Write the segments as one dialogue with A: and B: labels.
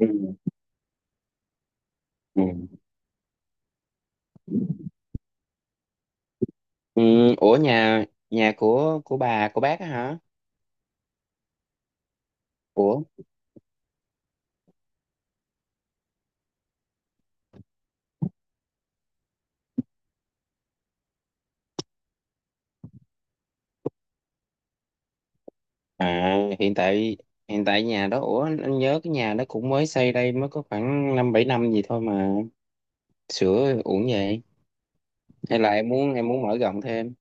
A: Ừ. Ừ. Ừ. Ủa nhà nhà của bà của bác á hả? Ủa à hiện tại nhà đó, ủa anh nhớ cái nhà đó cũng mới xây đây, mới có khoảng năm bảy năm gì thôi mà sửa uổng vậy. Hay là em muốn mở rộng thêm?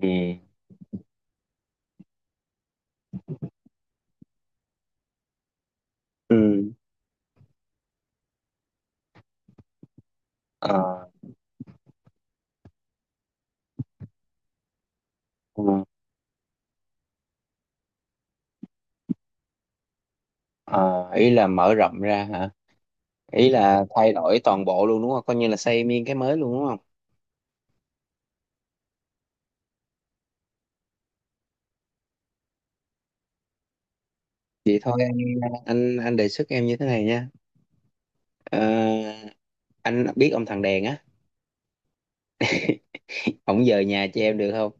A: Ừ. Ừ. Ờ. Ờ. Ờ, ý là mở rộng ra hả? Ý là thay đổi toàn bộ luôn đúng không, coi như là xây miên cái mới luôn đúng không? Vậy thôi, anh đề xuất em như thế này nha. Ờ, anh biết ông thằng Đèn á. Không, giờ nhà cho em được không?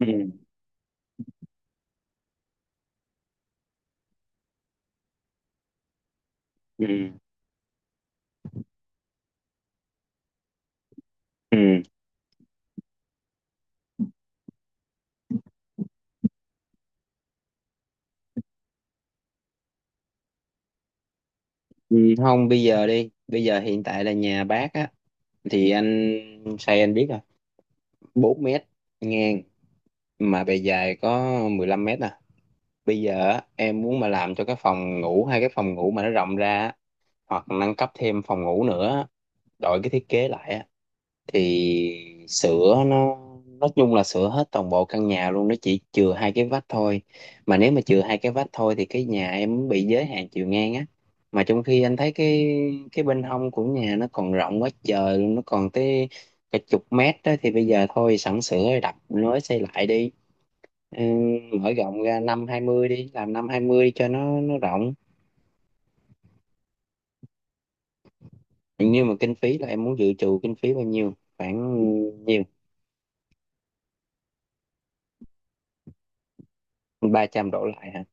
A: Ừ. Ừ. Ừ. Ừ, không bây giờ đi, bây giờ hiện tại là nhà bác á, thì anh say anh biết rồi. Bốn mét ngang, mà bề dài có 15 mét à. Bây giờ á, em muốn mà làm cho cái phòng ngủ hai cái phòng ngủ mà nó rộng ra á, hoặc nâng cấp thêm phòng ngủ nữa, đổi cái thiết kế lại á, thì sửa nó, nói chung là sửa hết toàn bộ căn nhà luôn, nó chỉ chừa hai cái vách thôi. Mà nếu mà chừa hai cái vách thôi thì cái nhà em bị giới hạn chiều ngang á, mà trong khi anh thấy cái bên hông của nhà nó còn rộng quá trời luôn, nó còn tới cả chục mét đó, thì bây giờ thôi sẵn sửa rồi đập nối xây lại đi. Ừ, mở rộng ra năm hai mươi đi làm năm hai mươi đi cho nó rộng. Nhưng mà kinh phí là em muốn dự trù kinh phí bao nhiêu, khoảng nhiêu? Ba trăm đổ lại hả?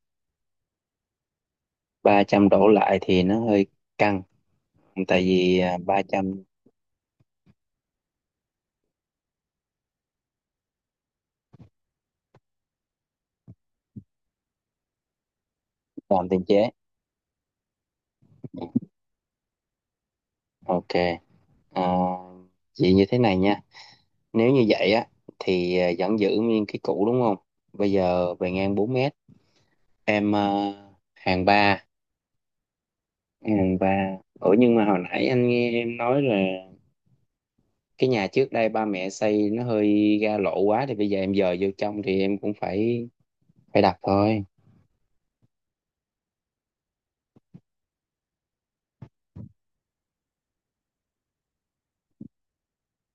A: 300 đổ lại thì nó hơi căng, tại vì à, ba trăm. Làm tiền chế. Ok, à, vậy như thế này nha. Nếu như vậy á, thì à, vẫn giữ nguyên cái cũ đúng không. Bây giờ về ngang 4 mét, em à, hàng ba, hàng ba, ủa nhưng mà hồi nãy anh nghe em nói là cái nhà trước đây ba mẹ xây nó hơi ra lộ quá, thì bây giờ em dời vô trong thì em cũng phải phải đặt thôi.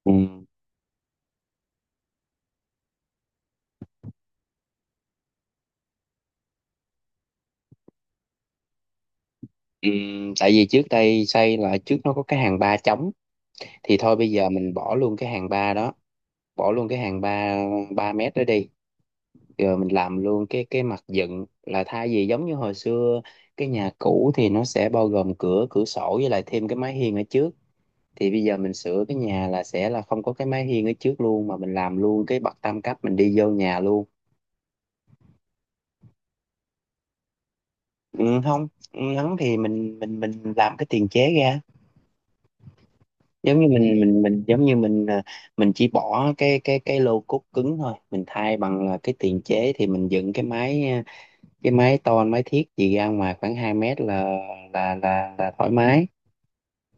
A: Ừ. Ừ, tại vì trước đây xây là trước nó có cái hàng ba trống, thì thôi bây giờ mình bỏ luôn cái hàng ba đó, bỏ luôn cái hàng ba ba mét đó đi, rồi mình làm luôn cái mặt dựng là thay vì giống như hồi xưa cái nhà cũ thì nó sẽ bao gồm cửa, cửa sổ với lại thêm cái mái hiên ở trước, thì bây giờ mình sửa cái nhà là sẽ là không có cái mái hiên ở trước luôn, mà mình làm luôn cái bậc tam cấp mình đi vô nhà luôn. Ừ, không, ngắn thì mình làm cái tiền chế ra, giống như mình giống như mình à, mình chỉ bỏ cái lô cốt cứng thôi, mình thay bằng là cái tiền chế, thì mình dựng cái máy à, cái máy to máy thiết gì ra ngoài khoảng 2 mét là là thoải mái.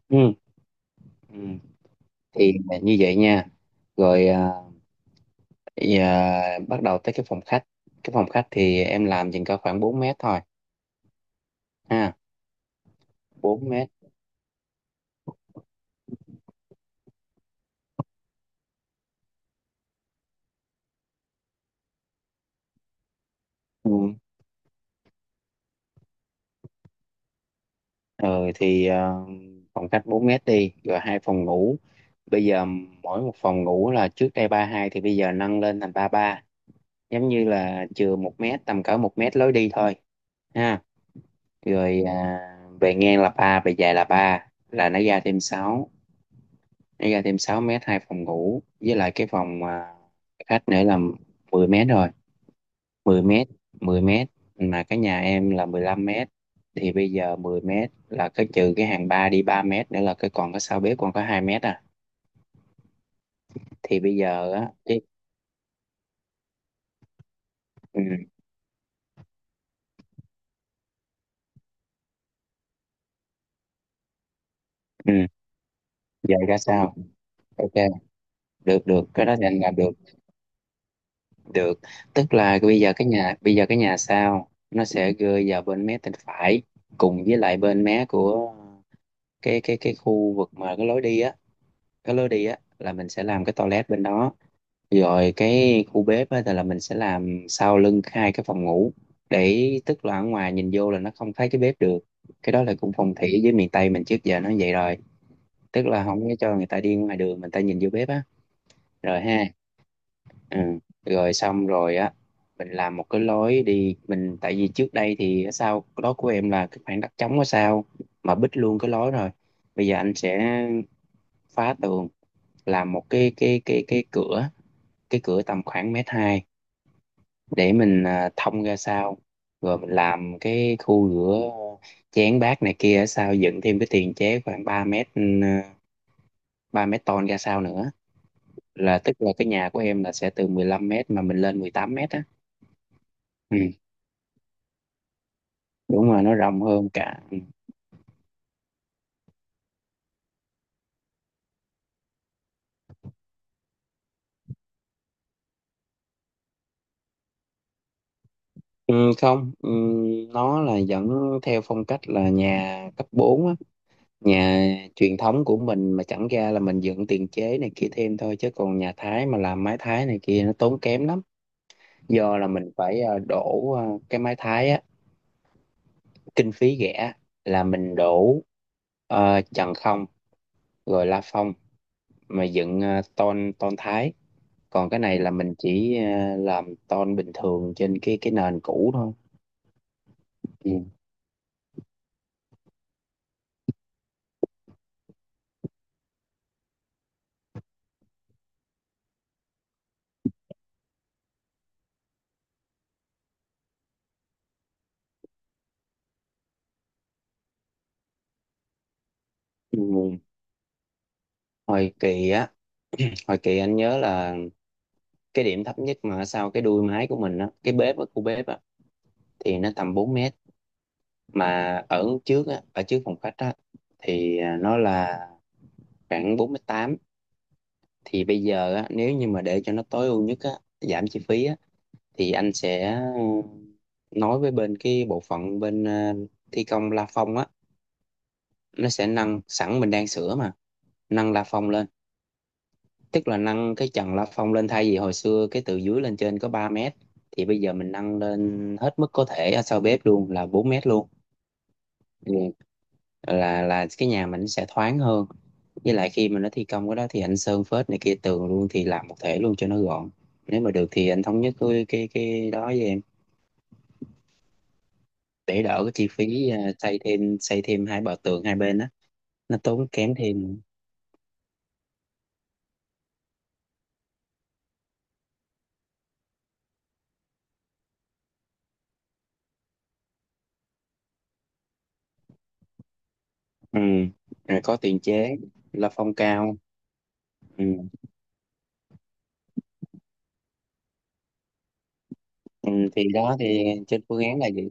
A: Ừ. Ừ. Thì là như vậy nha, rồi à, bây giờ bắt đầu tới cái phòng khách. Cái phòng khách thì em làm chừng có khoảng bốn mét thôi ha. Bốn mét. Ừ. Rồi thì à, phòng khách 4 mét đi, rồi hai phòng ngủ. Bây giờ mỗi một phòng ngủ là trước đây ba hai, thì bây giờ nâng lên thành ba ba, giống như là chừa một mét, tầm cỡ một mét lối đi thôi ha. Rồi à, về ngang là ba, về dài là ba, là nó ra thêm 6 mét, hai phòng ngủ với lại cái phòng à, khách nữa là 10 mét rồi. Mười mét, 10 mét, mà cái nhà em là 15 mét, thì bây giờ 10 mét là cái trừ cái hàng ba đi 3 mét nữa là cái còn có sau bếp, còn có 2 mét à. Thì bây giờ á cái. Ừ, ừ. Giờ ra sao? Ok, được được cái đó thì anh làm được được. Tức là bây giờ cái nhà, bây giờ cái nhà sao, nó sẽ rơi vào bên mé bên phải, cùng với lại bên mé của cái khu vực mà cái lối đi á. Cái lối đi á là mình sẽ làm cái toilet bên đó, rồi cái khu bếp á thì là mình sẽ làm sau lưng hai cái phòng ngủ, để tức là ở ngoài nhìn vô là nó không thấy cái bếp được. Cái đó là cũng phong thủy với miền Tây mình trước giờ nó vậy rồi, tức là không có cho người ta đi ngoài đường người ta nhìn vô bếp á. Rồi ha. Ừ. Rồi xong rồi á, mình làm một cái lối đi, mình tại vì trước đây thì ở sau đó của em là cái khoảng đất trống ở sau mà bít luôn cái lối rồi. Bây giờ anh sẽ phá tường, làm một cái cửa, cái cửa tầm khoảng mét hai, để mình à, thông ra sau, rồi mình làm cái khu rửa chén bát này kia ở sau, dựng thêm cái tiền chế khoảng 3 mét, ừ, 3 mét tôn ra sau nữa, là tức là cái nhà của em là sẽ từ 15 mét mà mình lên 18 mét á. Ừ. Đúng rồi, nó rộng hơn cả, ừ, không, ừ, nó là vẫn theo phong cách là nhà cấp 4 á, nhà truyền thống của mình mà chẳng ra là mình dựng tiền chế này kia thêm thôi, chứ còn nhà Thái mà làm mái Thái này kia nó tốn kém lắm. Do là mình phải đổ cái mái Thái á, kinh phí rẻ là mình đổ trần không, rồi la phong mà dựng tôn tôn Thái. Còn cái này là mình chỉ làm tôn bình thường trên cái nền cũ thôi. Ừ. Ừ. hồi kỳ á hồi kỳ anh nhớ là cái điểm thấp nhất mà sau cái đuôi máy của mình á, cái bếp á khu bếp á, thì nó tầm 4 mét, mà ở trước phòng khách á, thì à, nó là khoảng bốn mét tám. Thì bây giờ á, nếu như mà để cho nó tối ưu nhất á, giảm chi phí á, thì anh sẽ nói với bên cái bộ phận bên à, thi công la phong á, nó sẽ nâng sẵn mình đang sửa mà, nâng la phong lên, tức là nâng cái trần la phong lên, thay vì hồi xưa cái từ dưới lên trên có 3 mét, thì bây giờ mình nâng lên hết mức có thể ở sau bếp luôn là 4 mét luôn. Ừ. Là cái nhà mình sẽ thoáng hơn, với lại khi mà nó thi công cái đó thì anh sơn phết này kia tường luôn thì làm một thể luôn cho nó gọn. Nếu mà được thì anh thống nhất cái đó với em, để đỡ cái chi phí à, xây thêm hai bờ tường hai bên á, nó tốn kém thêm. Ừ. Rồi có tiền chế, la phong cao. Ừ. Ừ. Thì đó thì trên phương án là gì.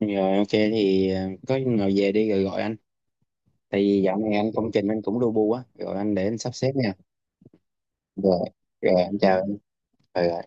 A: Rồi ok thì có nào về đi rồi gọi anh. Tại vì dạo này anh công trình anh cũng lu bu á, rồi anh để anh sắp xếp nha. Rồi, rồi anh chào. Em. Ừ.